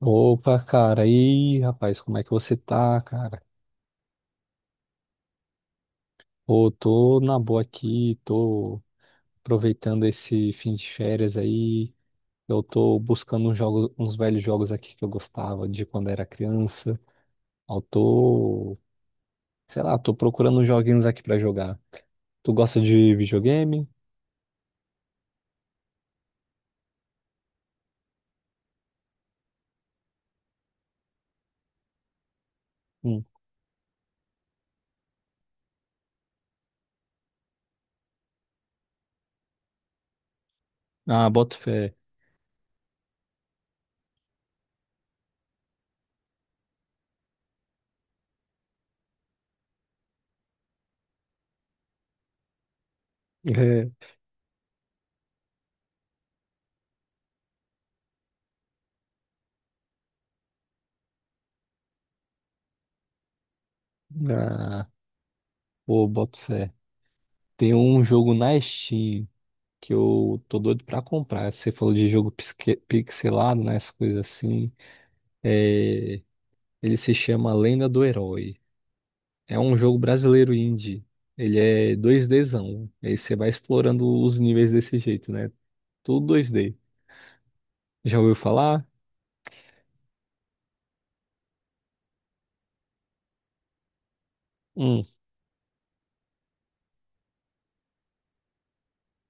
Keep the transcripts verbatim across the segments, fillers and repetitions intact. Opa, cara, e aí, rapaz, como é que você tá, cara? Pô, tô na boa aqui, tô aproveitando esse fim de férias aí. Eu tô buscando uns jogos, uns velhos jogos aqui que eu gostava de quando era criança. Eu tô, sei lá, tô procurando uns joguinhos aqui pra jogar. Tu gosta de videogame? Hum. Ah, boto fé. É. Ah, pô, boto fé. Tem um jogo na Steam que eu tô doido pra comprar. Você falou de jogo pisque- pixelado, né? Essas coisas assim. É, ele se chama Lenda do Herói. É um jogo brasileiro indie. Ele é 2Dzão. Aí você vai explorando os níveis desse jeito, né? Tudo dois dê. Já ouviu falar? Hum,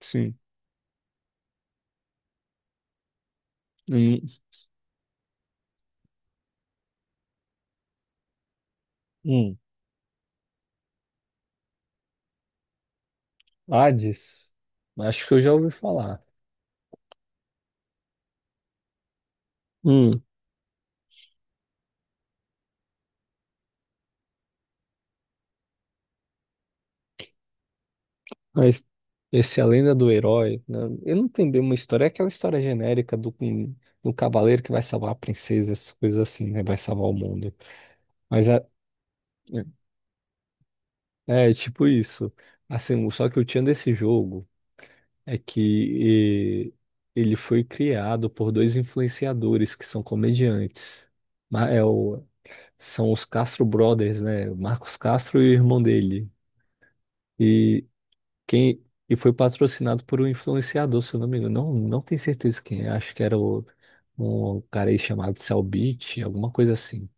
sim. Hum, hum. Hades? Acho que eu já ouvi falar. Hum. Mas esse A Lenda do Herói, né? Ele não tem bem uma história, é aquela história genérica do, do cavaleiro que vai salvar a princesa, essas coisas assim, né? Vai salvar o mundo. Mas a- é, é tipo isso. Assim, o- só que o tchan desse jogo é que e, ele foi criado por dois influenciadores que são comediantes. Ma- é o- São os Castro Brothers, né? Marcos Castro e o irmão dele. Quem, e foi patrocinado por um influenciador, se eu não me engano. Não, não tenho certeza quem é. Acho que era o, um cara aí chamado Cellbit, alguma coisa assim.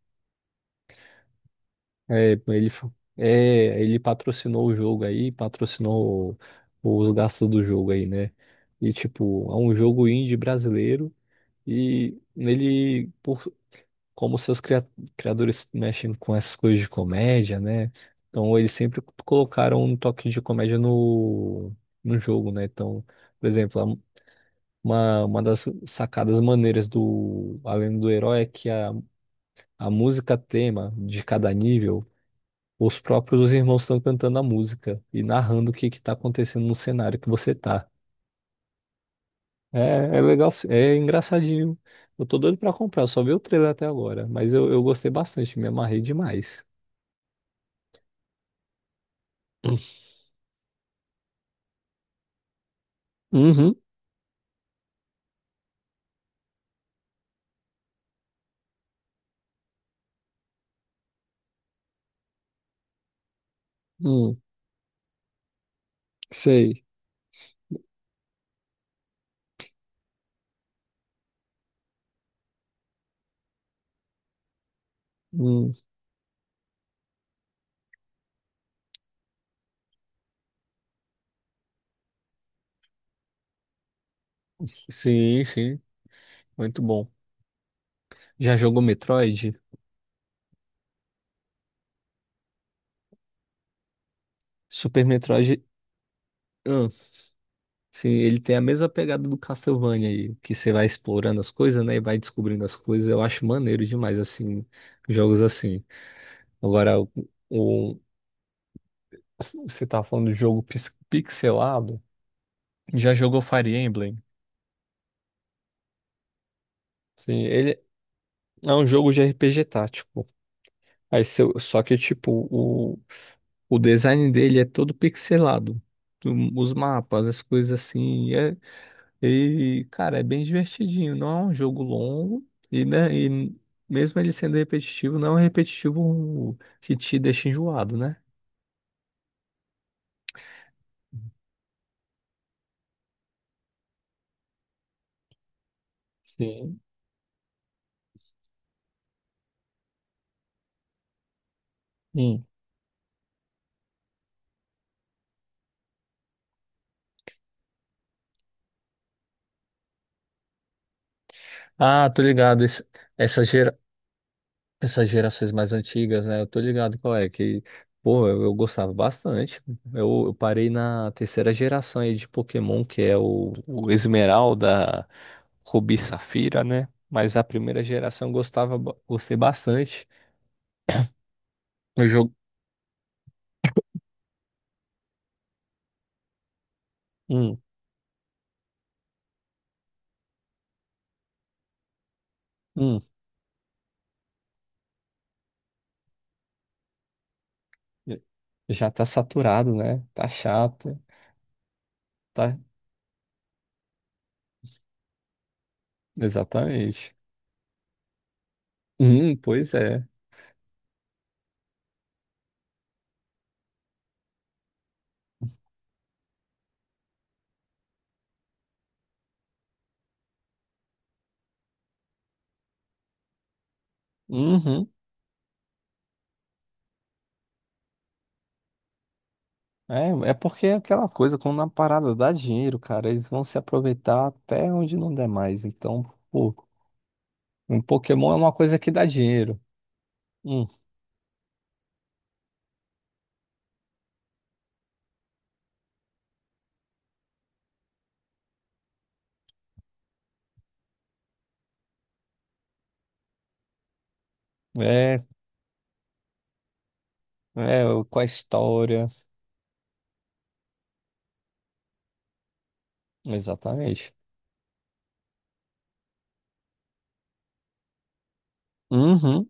É, ele, fa- é, ele patrocinou o jogo aí, patrocinou o- os gastos do jogo aí, né? E tipo, é um jogo indie brasileiro e ele, por como seus cria- criadores mexem com essas coisas de comédia, né? Então eles sempre colocaram um toque de comédia no, no jogo, né? Então, por exemplo, a- uma, uma das sacadas maneiras do Além do Herói é que a, a música tema de cada nível, os próprios irmãos estão cantando a música e narrando o que que tá acontecendo no cenário que você tá. É, é legal, é engraçadinho. Eu tô doido pra comprar, eu só vi o trailer até agora, mas eu, eu gostei bastante, me amarrei demais. Uhum. Hum, sei. Hum, sim, sim. Muito bom. Já jogou Metroid? Super Metroid. hum, sim, ele tem a mesma pegada do Castlevania aí, que você vai explorando as coisas, né? E vai descobrindo as coisas. Eu acho maneiro demais, assim, jogos assim. Agora, o, o- você tá falando do jogo pix- pixelado. Já jogou Fire Emblem? Sim, ele é um jogo de R P G tático. Aí, seu- só que, tipo, o design dele é todo pixelado. Tu- Os mapas, as coisas assim. E, é- e, cara, é bem divertidinho. Não é um jogo longo. E, né, e mesmo ele sendo repetitivo, não é um repetitivo que te deixa enjoado, né? Sim. Hum. Ah, tô ligado. Esse- Essa, gera- Essas gerações mais antigas, né? Eu tô ligado qual é, que, pô, eu, eu gostava bastante. Eu, eu parei na terceira geração aí de Pokémon, que é o, o Esmeralda, Rubi e Safira, né? Mas a primeira geração eu gostava, ba- gostei bastante. O jogo, hum, hum, já tá saturado, né? Tá chato, tá, exatamente. Hum, pois é. Uhum. É, é porque é aquela coisa, quando a parada dá dinheiro, cara, eles vão se aproveitar até onde não der mais. Então, pô, um Pokémon é uma coisa que dá dinheiro. Hum, é, é, com a história. Exatamente. Uhum,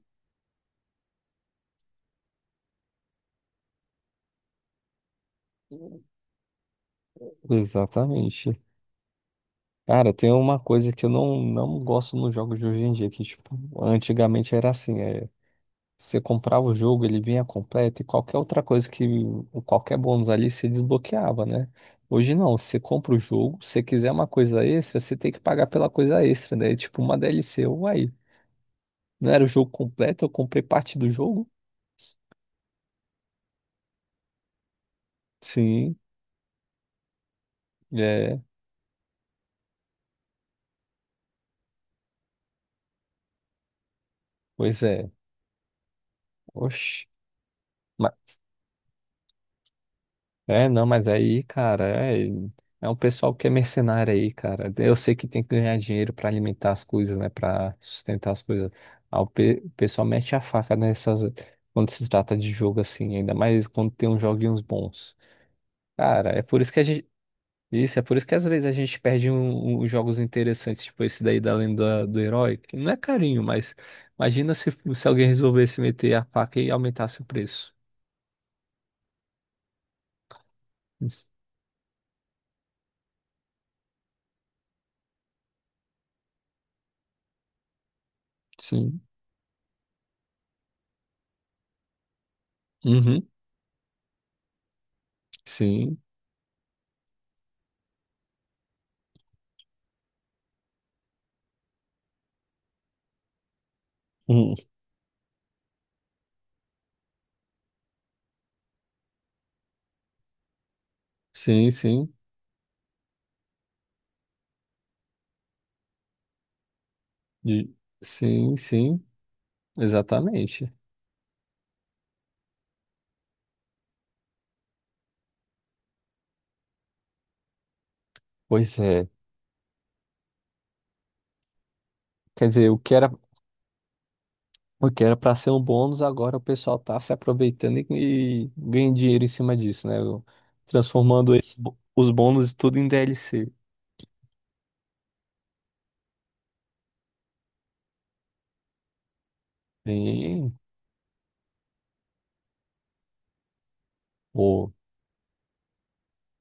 exatamente. Cara, tem uma coisa que eu não, não gosto nos jogos de hoje em dia, que, tipo, antigamente era assim. É, você comprava o jogo, ele vinha completo e qualquer outra coisa que, ou qualquer bônus ali você desbloqueava, né? Hoje não, você compra o jogo, se você quiser uma coisa extra, você tem que pagar pela coisa extra, né? É tipo uma D L C, uai, não era o jogo completo, eu comprei parte do jogo? Sim, é, pois é, oxe. É, não, mas aí, cara, é, é um pessoal que é mercenário aí, cara. Eu sei que tem que ganhar dinheiro pra alimentar as coisas, né, pra sustentar as coisas. Ah, o pe- o pessoal mete a faca nessas quando se trata de jogo assim, ainda mais quando tem uns joguinhos bons. Cara, é por isso que a gente isso, é por isso que às vezes a gente perde um- um, uns jogos interessantes, tipo esse daí da Lenda do Herói, que não é carinho, mas imagina se, se alguém resolvesse meter a faca e aumentasse o preço. Sim. Uhum. Sim. Sim, sim. De- Sim, sim, exatamente. Pois é. Quer dizer, o que era, o que era para ser um bônus, agora o pessoal tá se aproveitando e, e ganha dinheiro em cima disso, né? O- Transformando esse bo- os bônus tudo em D L C. Sim, pô.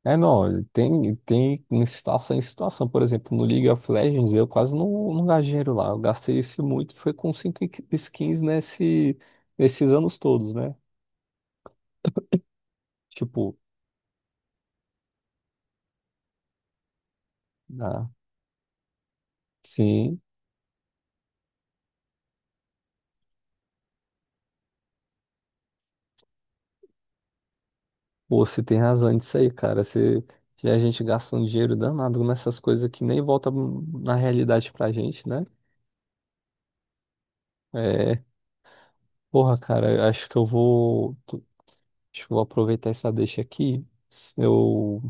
É, não, tem, tem em situação em situação. Por exemplo, no League of Legends, eu quase não, não gastei dinheiro lá. Eu gastei isso muito, foi com cinco skins nesse, nesses anos todos, né? Tipo, ah, sim. Pô, você tem razão nisso aí, cara. Você, já a gente gasta um dinheiro danado nessas coisas que nem volta na realidade pra gente, né? É, porra, cara, acho que eu vou, tu- acho que eu vou aproveitar essa deixa aqui. Eu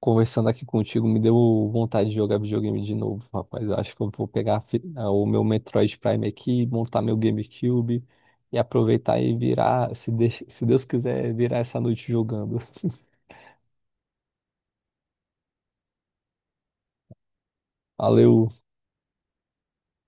conversando aqui contigo me deu vontade de jogar videogame de novo, rapaz. Eu acho que eu vou pegar a fi- a- o meu Metroid Prime aqui, montar meu GameCube e aproveitar e virar, se, deix- se Deus quiser, virar essa noite jogando. Valeu.